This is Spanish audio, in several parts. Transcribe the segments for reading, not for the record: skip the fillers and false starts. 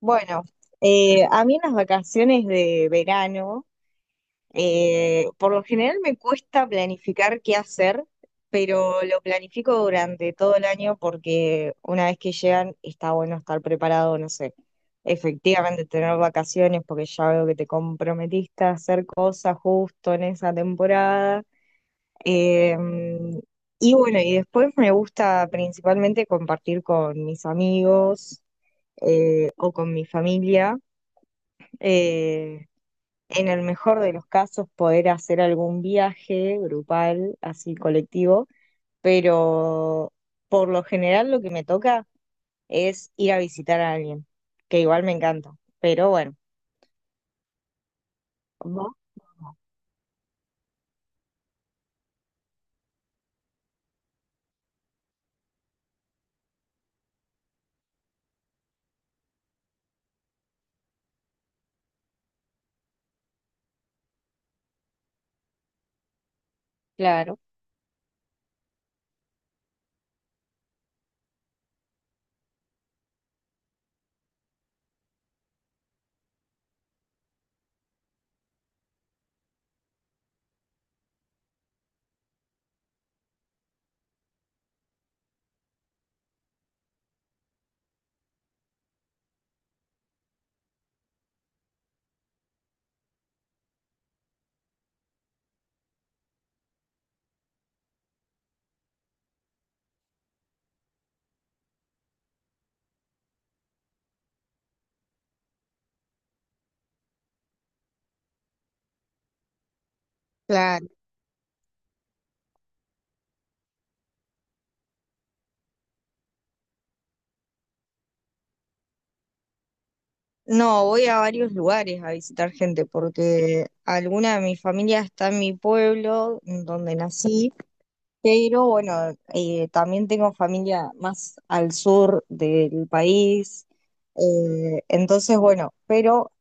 Bueno, a mí en las vacaciones de verano, por lo general me cuesta planificar qué hacer, pero lo planifico durante todo el año porque una vez que llegan está bueno estar preparado, no sé, efectivamente tener vacaciones porque ya veo que te comprometiste a hacer cosas justo en esa temporada. Eh, y bueno, y después me gusta principalmente compartir con mis amigos o con mi familia. Eh, en el mejor de los casos, poder hacer algún viaje grupal, así colectivo, pero por lo general lo que me toca es ir a visitar a alguien, que igual me encanta, pero bueno, ¿Vos? Claro. Claro. No, voy a varios lugares a visitar gente porque alguna de mi familia está en mi pueblo, en donde nací. Pero bueno, también tengo familia más al sur del país. Entonces, bueno, pero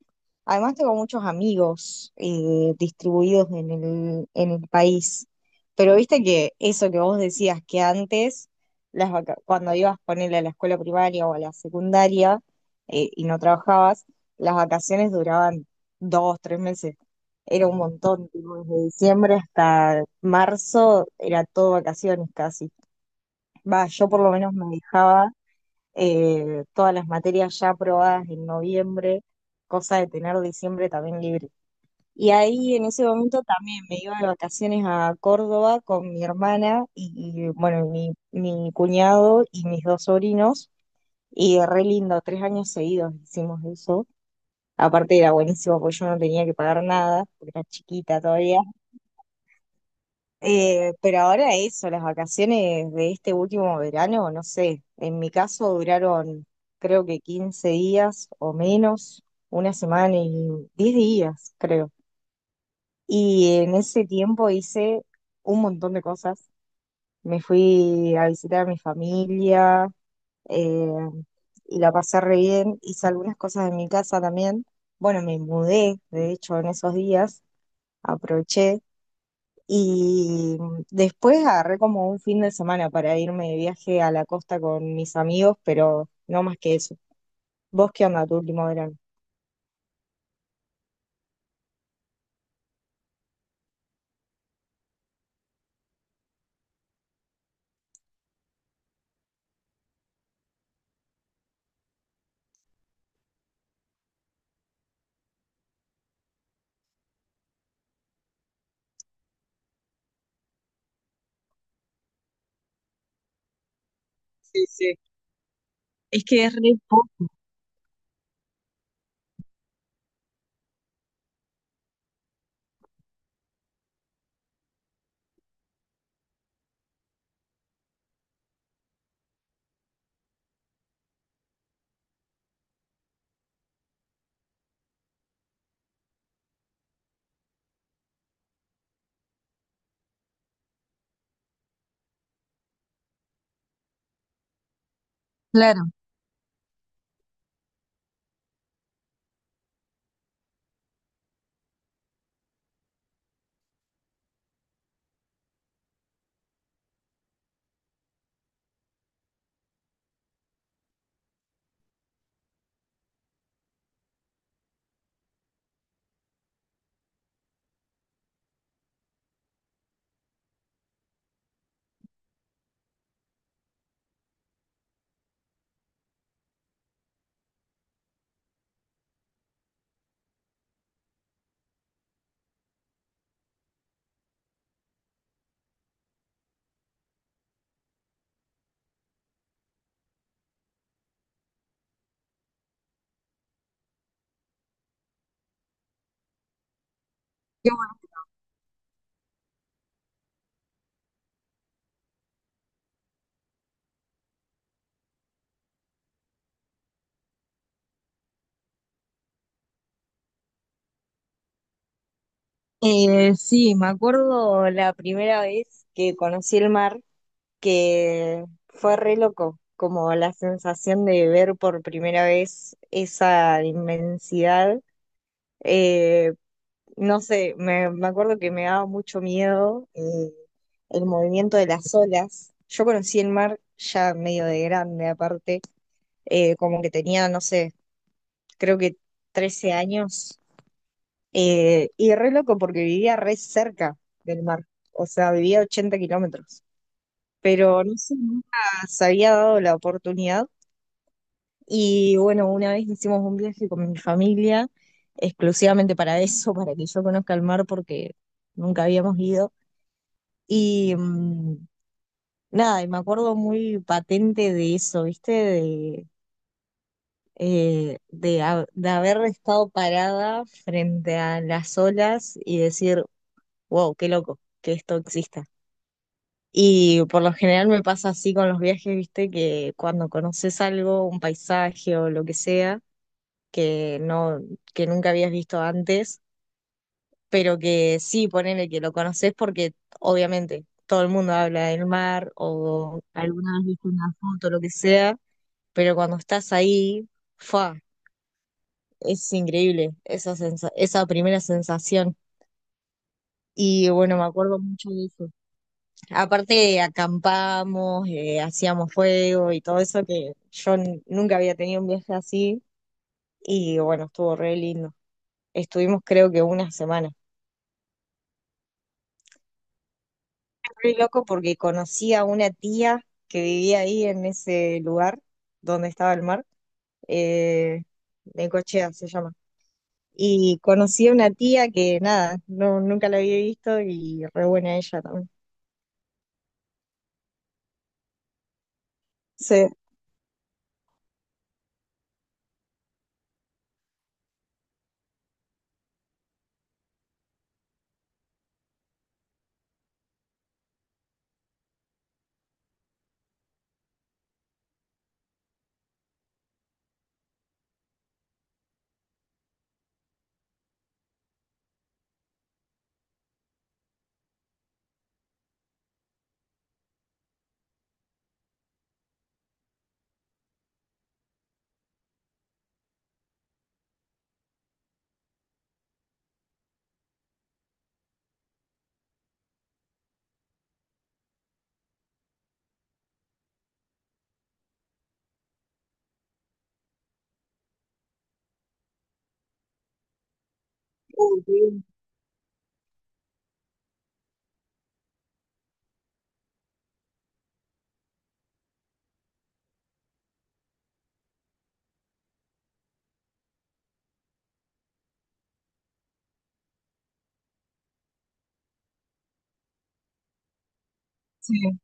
además tengo muchos amigos distribuidos en el país, pero viste que eso que vos decías que antes, cuando ibas ponerle a la escuela primaria o a la secundaria y no trabajabas, las vacaciones duraban 2, 3 meses. Era un montón, tipo, desde diciembre hasta marzo era todo vacaciones casi. Va, yo por lo menos me dejaba todas las materias ya aprobadas en noviembre, cosa de tener diciembre también libre. Y ahí en ese momento también me iba de vacaciones a Córdoba con mi hermana y, bueno, mi cuñado y mis dos sobrinos. Y re lindo, 3 años seguidos hicimos eso. Aparte era buenísimo porque yo no tenía que pagar nada, porque era chiquita todavía, pero ahora eso, las vacaciones de este último verano, no sé, en mi caso duraron creo que 15 días o menos, una semana y 10 días, creo. Y en ese tiempo hice un montón de cosas. Me fui a visitar a mi familia eh, y la pasé re bien. Hice algunas cosas en mi casa también. Bueno, me mudé, de hecho, en esos días, aproveché. Y después agarré como un fin de semana para irme de viaje a la costa con mis amigos, pero no más que eso. ¿Vos qué onda tu último verano? Sí, sí. Es que es re po- Claro, qué bueno. Sí, me acuerdo la primera vez que conocí el mar, que fue re loco, como la sensación de ver por primera vez esa inmensidad. eh, no sé, me acuerdo que me daba mucho miedo el movimiento de las olas. Yo conocí el mar ya medio de grande, aparte, como que tenía, no sé, creo que 13 años. Y re loco porque vivía re cerca del mar, o sea, vivía a 80 kilómetros, pero no sé, nunca se había dado la oportunidad. Y bueno, una vez hicimos un viaje con mi familia, exclusivamente para eso, para que yo conozca el mar, porque nunca habíamos ido. Y nada, y me acuerdo muy patente de eso, ¿viste? De haber estado parada frente a las olas y decir, wow, qué loco que esto exista. Y por lo general me pasa así con los viajes, ¿viste? Que cuando conoces algo, un paisaje o lo que sea, que no, que nunca habías visto antes pero que sí, ponele que lo conoces porque obviamente todo el mundo habla del mar o alguna vez viste una foto, lo que sea, pero cuando estás ahí, fa, es increíble esa primera sensación. Y bueno, me acuerdo mucho de eso. Aparte, acampamos, hacíamos fuego y todo eso que yo nunca había tenido un viaje así y bueno, estuvo re lindo. Estuvimos creo que una semana. Re loco porque conocí a una tía que vivía ahí en ese lugar donde estaba el mar, eh, Necochea se llama. Y conocí a una tía que nada, no, nunca la había visto y re buena ella también. Sí. Qué bien. Sí.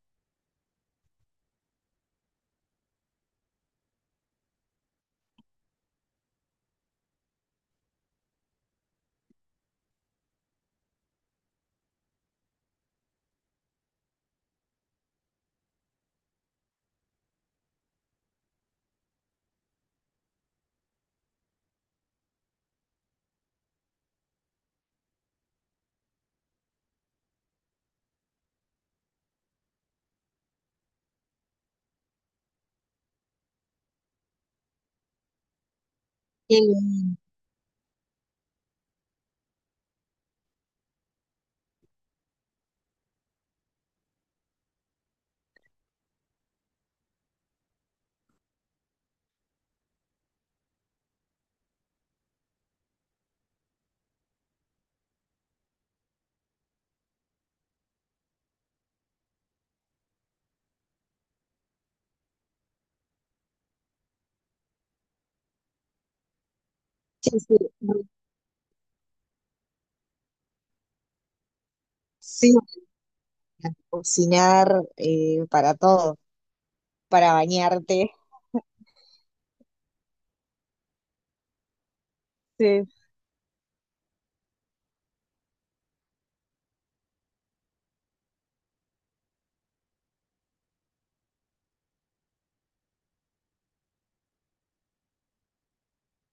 Qué bien. Sí, sí, re- sí, para cocinar para todo, para bañarte. Sí.